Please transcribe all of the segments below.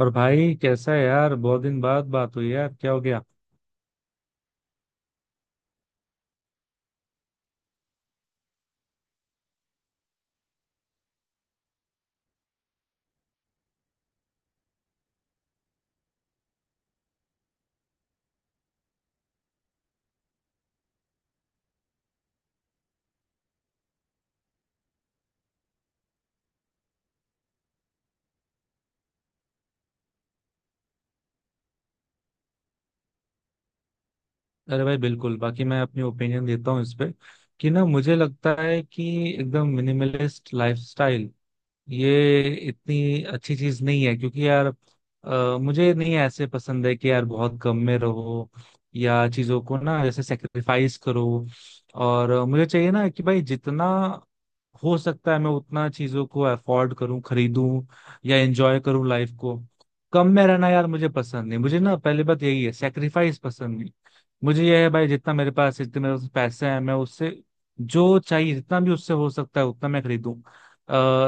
और भाई कैसा है यार? बहुत दिन बाद बात हुई यार, क्या हो गया? अरे भाई बिल्कुल, बाकी मैं अपनी ओपिनियन देता हूँ इस पे कि ना, मुझे लगता है कि एकदम मिनिमलिस्ट लाइफस्टाइल ये इतनी अच्छी चीज नहीं है, क्योंकि यार मुझे नहीं ऐसे पसंद है कि यार बहुत गम में रहो या चीजों को ना जैसे सेक्रीफाइस करो। और मुझे चाहिए ना कि भाई जितना हो सकता है मैं उतना चीजों को अफोर्ड करूं, खरीदूं या एंजॉय करूं लाइफ को। कम में रहना यार मुझे पसंद नहीं। मुझे ना पहली बात यही है, सेक्रीफाइस पसंद नहीं। मुझे यह है भाई, जितना मेरे पास जितने मेरे पास पैसे हैं, मैं उससे जो चाहिए जितना भी उससे हो सकता है उतना मैं खरीदूं।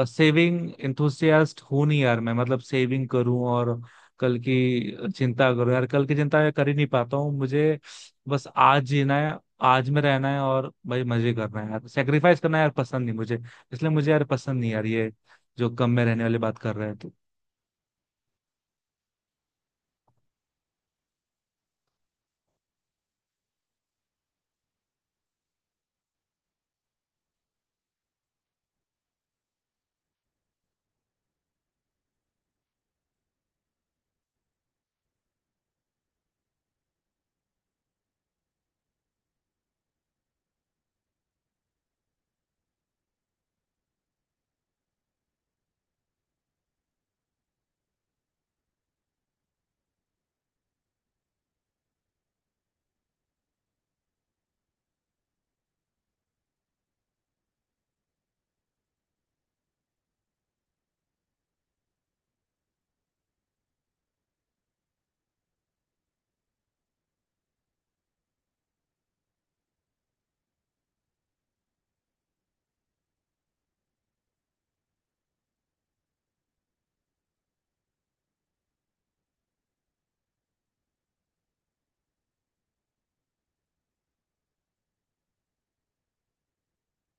सेविंग इंथुसियास्ट हूं नहीं यार मैं, मतलब सेविंग करूं और कल की चिंता करूं? यार कल की चिंता मैं कर ही नहीं पाता हूँ। मुझे बस आज जीना है, आज में रहना है, और भाई मजे करना है यार। सेक्रीफाइस करना यार पसंद नहीं मुझे। इसलिए मुझे यार पसंद नहीं यार ये जो कम में रहने वाली बात कर रहे हैं तो।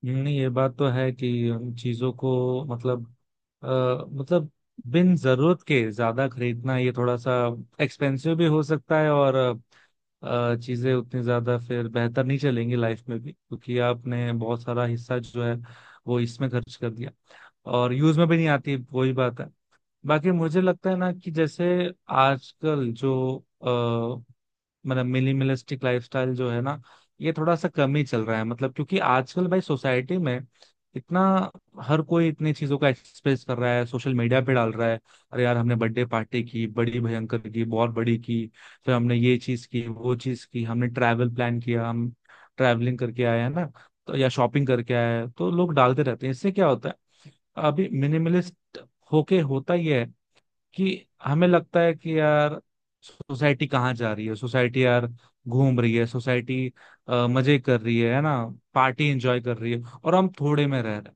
नहीं, ये बात तो है कि उन चीजों को, मतलब अ, मतलब बिन जरूरत के ज्यादा खरीदना ये थोड़ा सा एक्सपेंसिव भी हो सकता है, और चीजें उतनी ज्यादा फिर बेहतर नहीं चलेंगी लाइफ में भी, क्योंकि आपने बहुत सारा हिस्सा जो है वो इसमें खर्च कर दिया और यूज में भी नहीं आती, वही बात है। बाकी मुझे लगता है ना कि जैसे आजकल जो, मतलब मिनिमलिस्टिक लाइफस्टाइल जो है ना, ये थोड़ा सा कम ही चल रहा है, मतलब क्योंकि आजकल भाई सोसाइटी में इतना हर कोई इतनी चीजों का एक्सप्रेस कर रहा है, सोशल मीडिया पे डाल रहा है। अरे यार हमने बर्थडे पार्टी की बड़ी भयंकर की, बहुत बड़ी की, फिर हमने ये चीज की वो चीज की, हमने ट्रैवल प्लान किया, हम ट्रैवलिंग करके आए हैं ना, तो या शॉपिंग करके आए हैं, तो लोग डालते रहते हैं। इससे क्या होता है, अभी मिनिमलिस्ट होके होता ही है कि हमें लगता है कि यार सोसाइटी कहाँ जा रही है? सोसाइटी यार घूम रही है, सोसाइटी मजे कर रही है ना, पार्टी एंजॉय कर रही है, और हम थोड़े में रह रहे हैं।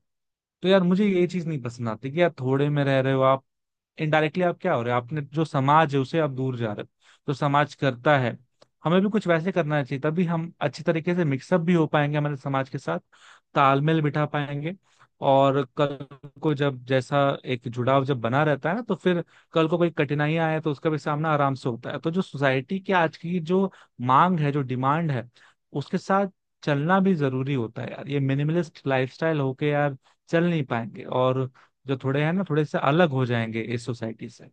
तो यार मुझे ये चीज नहीं पसंद आती कि यार थोड़े में रह रहे हो आप, इनडायरेक्टली आप क्या हो रहे हो, आपने जो समाज है उसे आप दूर जा रहे हो। तो समाज करता है, हमें भी कुछ वैसे करना चाहिए, तभी हम अच्छी तरीके से मिक्सअप भी हो पाएंगे हमारे समाज के साथ, तालमेल बिठा पाएंगे। और कल को जब जैसा एक जुड़ाव जब बना रहता है ना, तो फिर कल को कोई कठिनाई आए तो उसका भी सामना आराम से होता है। तो जो सोसाइटी की आज की जो मांग है, जो डिमांड है, उसके साथ चलना भी जरूरी होता है यार। ये मिनिमलिस्ट लाइफस्टाइल होके यार चल नहीं पाएंगे, और जो थोड़े हैं ना थोड़े से अलग हो जाएंगे इस सोसाइटी से।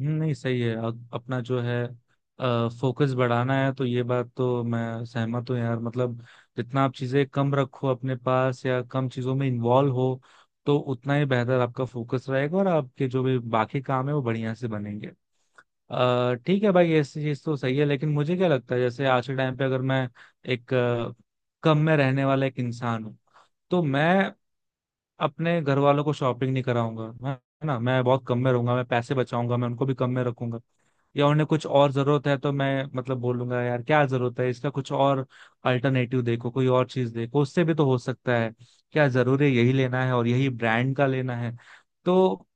नहीं सही है। अपना जो है फोकस बढ़ाना है, तो ये बात तो मैं सहमत हूँ यार। मतलब जितना आप चीजें कम रखो अपने पास, या कम चीजों में इन्वॉल्व हो, तो उतना ही बेहतर आपका फोकस रहेगा और आपके जो भी बाकी काम है वो बढ़िया से बनेंगे। ठीक है भाई, ऐसी चीज तो सही है, लेकिन मुझे क्या लगता है, जैसे आज के टाइम पे अगर मैं एक कम में रहने वाला एक इंसान हूँ, तो मैं अपने घर वालों को शॉपिंग नहीं कराऊंगा, है ना, मैं बहुत कम में रहूंगा, मैं पैसे बचाऊंगा, मैं उनको भी कम में रखूंगा। या उन्हें कुछ और जरूरत है तो मैं मतलब बोलूंगा यार क्या जरूरत है, इसका कुछ और अल्टरनेटिव देखो, कोई और चीज देखो, उससे भी तो हो सकता है, क्या जरूरी है यही लेना है और यही ब्रांड का लेना है। तो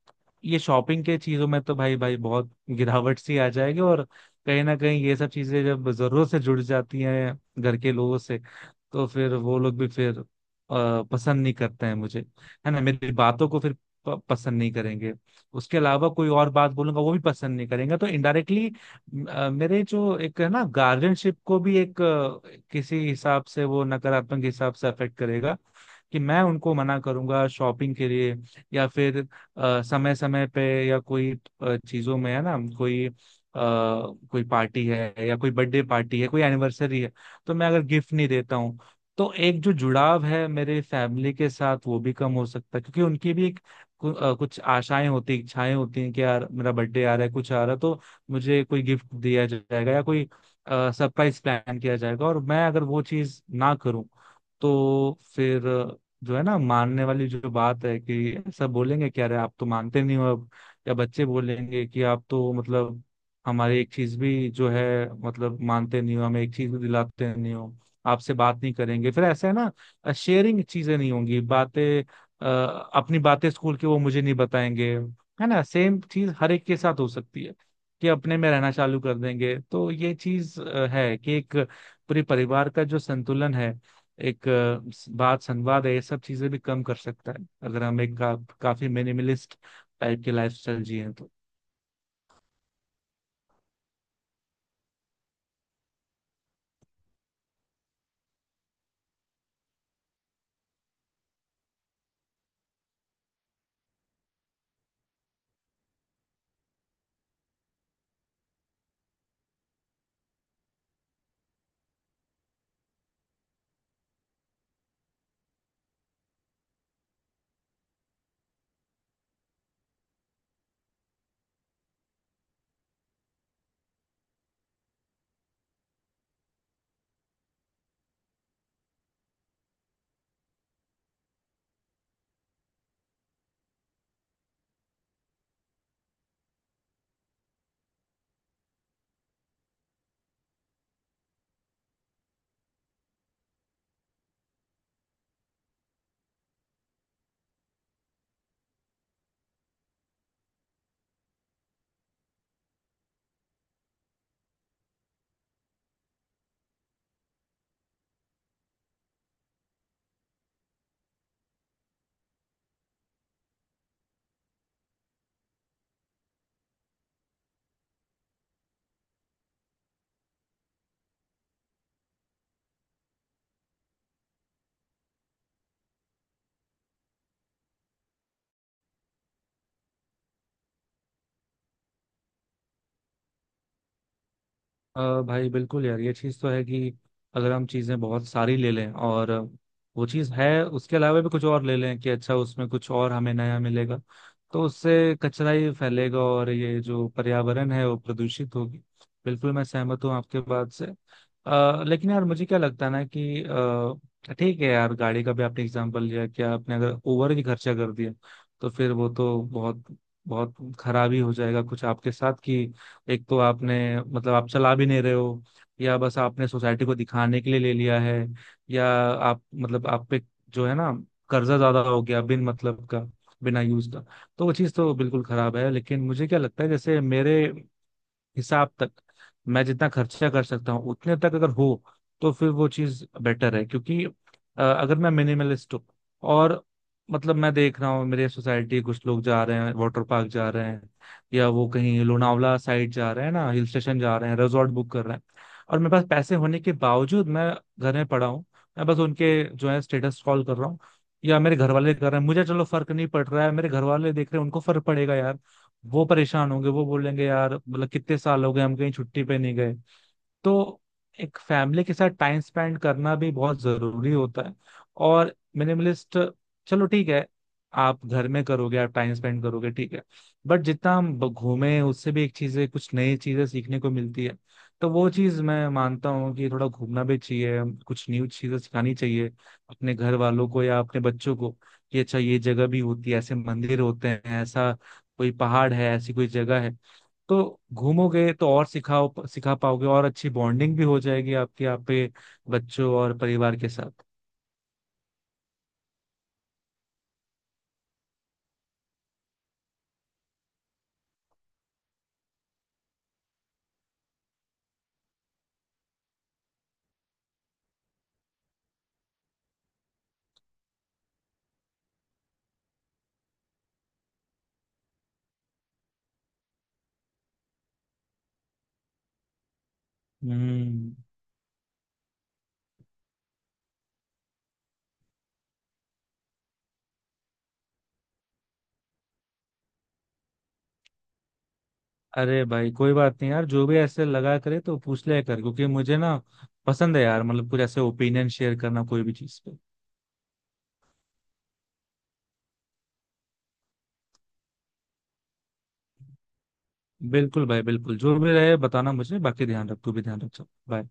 ये शॉपिंग के चीजों में तो भाई भाई बहुत गिरावट सी आ जाएगी। और कहीं ना कहीं ये सब चीजें जब जरूरत से जुड़ जाती हैं घर के लोगों से, तो फिर वो लोग भी फिर पसंद नहीं करते हैं मुझे, है ना, मेरी बातों को फिर पसंद नहीं करेंगे। उसके अलावा कोई और बात बोलूंगा वो भी पसंद नहीं करेंगे। तो इनडायरेक्टली मेरे जो एक है ना गार्जियनशिप को भी एक किसी हिसाब से, वो नकारात्मक हिसाब से अफेक्ट करेगा कि मैं उनको मना करूंगा शॉपिंग के लिए। या फिर समय समय पे या कोई चीजों में है ना, कोई कोई पार्टी है या कोई बर्थडे पार्टी है, कोई एनिवर्सरी है, तो मैं अगर गिफ्ट नहीं देता हूँ, तो एक जो जुड़ाव है मेरे फैमिली के साथ वो भी कम हो सकता है, क्योंकि उनकी भी एक कुछ आशाएं होती, इच्छाएं होती हैं कि यार मेरा बर्थडे आ रहा है, कुछ आ रहा है तो मुझे कोई गिफ्ट दिया जाएगा या कोई सरप्राइज प्लान किया जाएगा, और मैं अगर वो चीज ना करूं, तो फिर जो है ना मानने वाली जो बात है, कि ऐसा बोलेंगे क्या रे आप तो मानते नहीं हो अब, या बच्चे बोलेंगे कि आप तो मतलब हमारी एक चीज भी जो है मतलब मानते नहीं हो, हमें एक चीज भी दिलाते नहीं हो, आपसे बात नहीं करेंगे फिर, ऐसा है ना। शेयरिंग चीजें नहीं होंगी, बातें अ, अपनी बातें स्कूल की वो मुझे नहीं बताएंगे, है ना। सेम चीज हर एक के साथ हो सकती है कि अपने में रहना चालू कर देंगे। तो ये चीज है कि एक पूरे परिवार का जो संतुलन है, एक बात संवाद है, ये सब चीजें भी कम कर सकता है अगर हम एक काफी मिनिमलिस्ट टाइप की लाइफस्टाइल जिए तो। अ, भाई बिल्कुल यार, ये चीज़ तो है कि अगर हम चीज़ें बहुत सारी ले लें, और वो चीज़ है उसके अलावा भी कुछ और ले लें कि अच्छा उसमें कुछ और हमें नया मिलेगा, तो उससे कचरा ही फैलेगा और ये जो पर्यावरण है वो प्रदूषित होगी। बिल्कुल मैं सहमत हूँ आपके बात से। लेकिन यार मुझे क्या लगता है ना कि ठीक है यार, गाड़ी का भी आपने एग्जाम्पल लिया कि आपने अगर ओवर ही खर्चा कर दिया, तो फिर वो तो बहुत बहुत खराब ही हो जाएगा कुछ आपके साथ की, एक तो आपने मतलब आप चला भी नहीं रहे हो, या बस आपने सोसाइटी को दिखाने के लिए ले लिया है, या आप मतलब आप पे जो है ना कर्जा ज्यादा हो गया बिन मतलब का, बिना यूज का, तो वो चीज़ तो बिल्कुल खराब है। लेकिन मुझे क्या लगता है जैसे मेरे हिसाब तक मैं जितना खर्चा कर सकता हूँ उतने तक अगर हो, तो फिर वो चीज बेटर है। क्योंकि अगर मैं मिनिमलिस्ट हूँ और मतलब मैं देख रहा हूँ मेरे सोसाइटी कुछ लोग जा रहे हैं, वाटर पार्क जा रहे हैं, या वो कहीं लोनावला साइड जा रहे हैं ना, हिल स्टेशन जा रहे हैं, रिजॉर्ट बुक कर रहे हैं, और मेरे पास पैसे होने के बावजूद मैं घर में पड़ा हूँ, मैं बस उनके जो है स्टेटस स्क्रॉल कर रहा हूँ, या मेरे घर वाले कर रहे हैं, मुझे चलो फर्क नहीं पड़ रहा है, मेरे घर वाले देख रहे हैं, उनको फर्क पड़ेगा यार। वो परेशान होंगे, वो बोलेंगे यार, मतलब कितने साल हो गए हम कहीं छुट्टी पे नहीं गए। तो एक फैमिली के साथ टाइम स्पेंड करना भी बहुत जरूरी होता है। और मिनिमलिस्ट, चलो ठीक है, आप घर में करोगे, आप टाइम स्पेंड करोगे, ठीक है, बट जितना हम घूमे उससे भी एक चीजें, कुछ नई चीजें सीखने को मिलती है। तो वो चीज मैं मानता हूँ कि थोड़ा घूमना भी चाहिए, कुछ न्यू चीजें सिखानी चाहिए अपने घर वालों को या अपने बच्चों को, कि अच्छा ये जगह भी होती है, ऐसे मंदिर होते हैं, ऐसा कोई पहाड़ है, ऐसी कोई जगह है। तो घूमोगे तो और सिखाओ, सिखा पाओगे, और अच्छी बॉन्डिंग भी हो जाएगी आपकी, आप पे बच्चों और परिवार के साथ। हम्म। अरे भाई कोई बात नहीं यार, जो भी ऐसे लगा करे तो पूछ लिया कर, क्योंकि मुझे ना पसंद है यार, मतलब कुछ ऐसे ओपिनियन शेयर करना कोई भी चीज पे। बिल्कुल भाई, बिल्कुल, जो भी रहे बताना मुझे, बाकी ध्यान रख, तू भी ध्यान रख, चल बाय।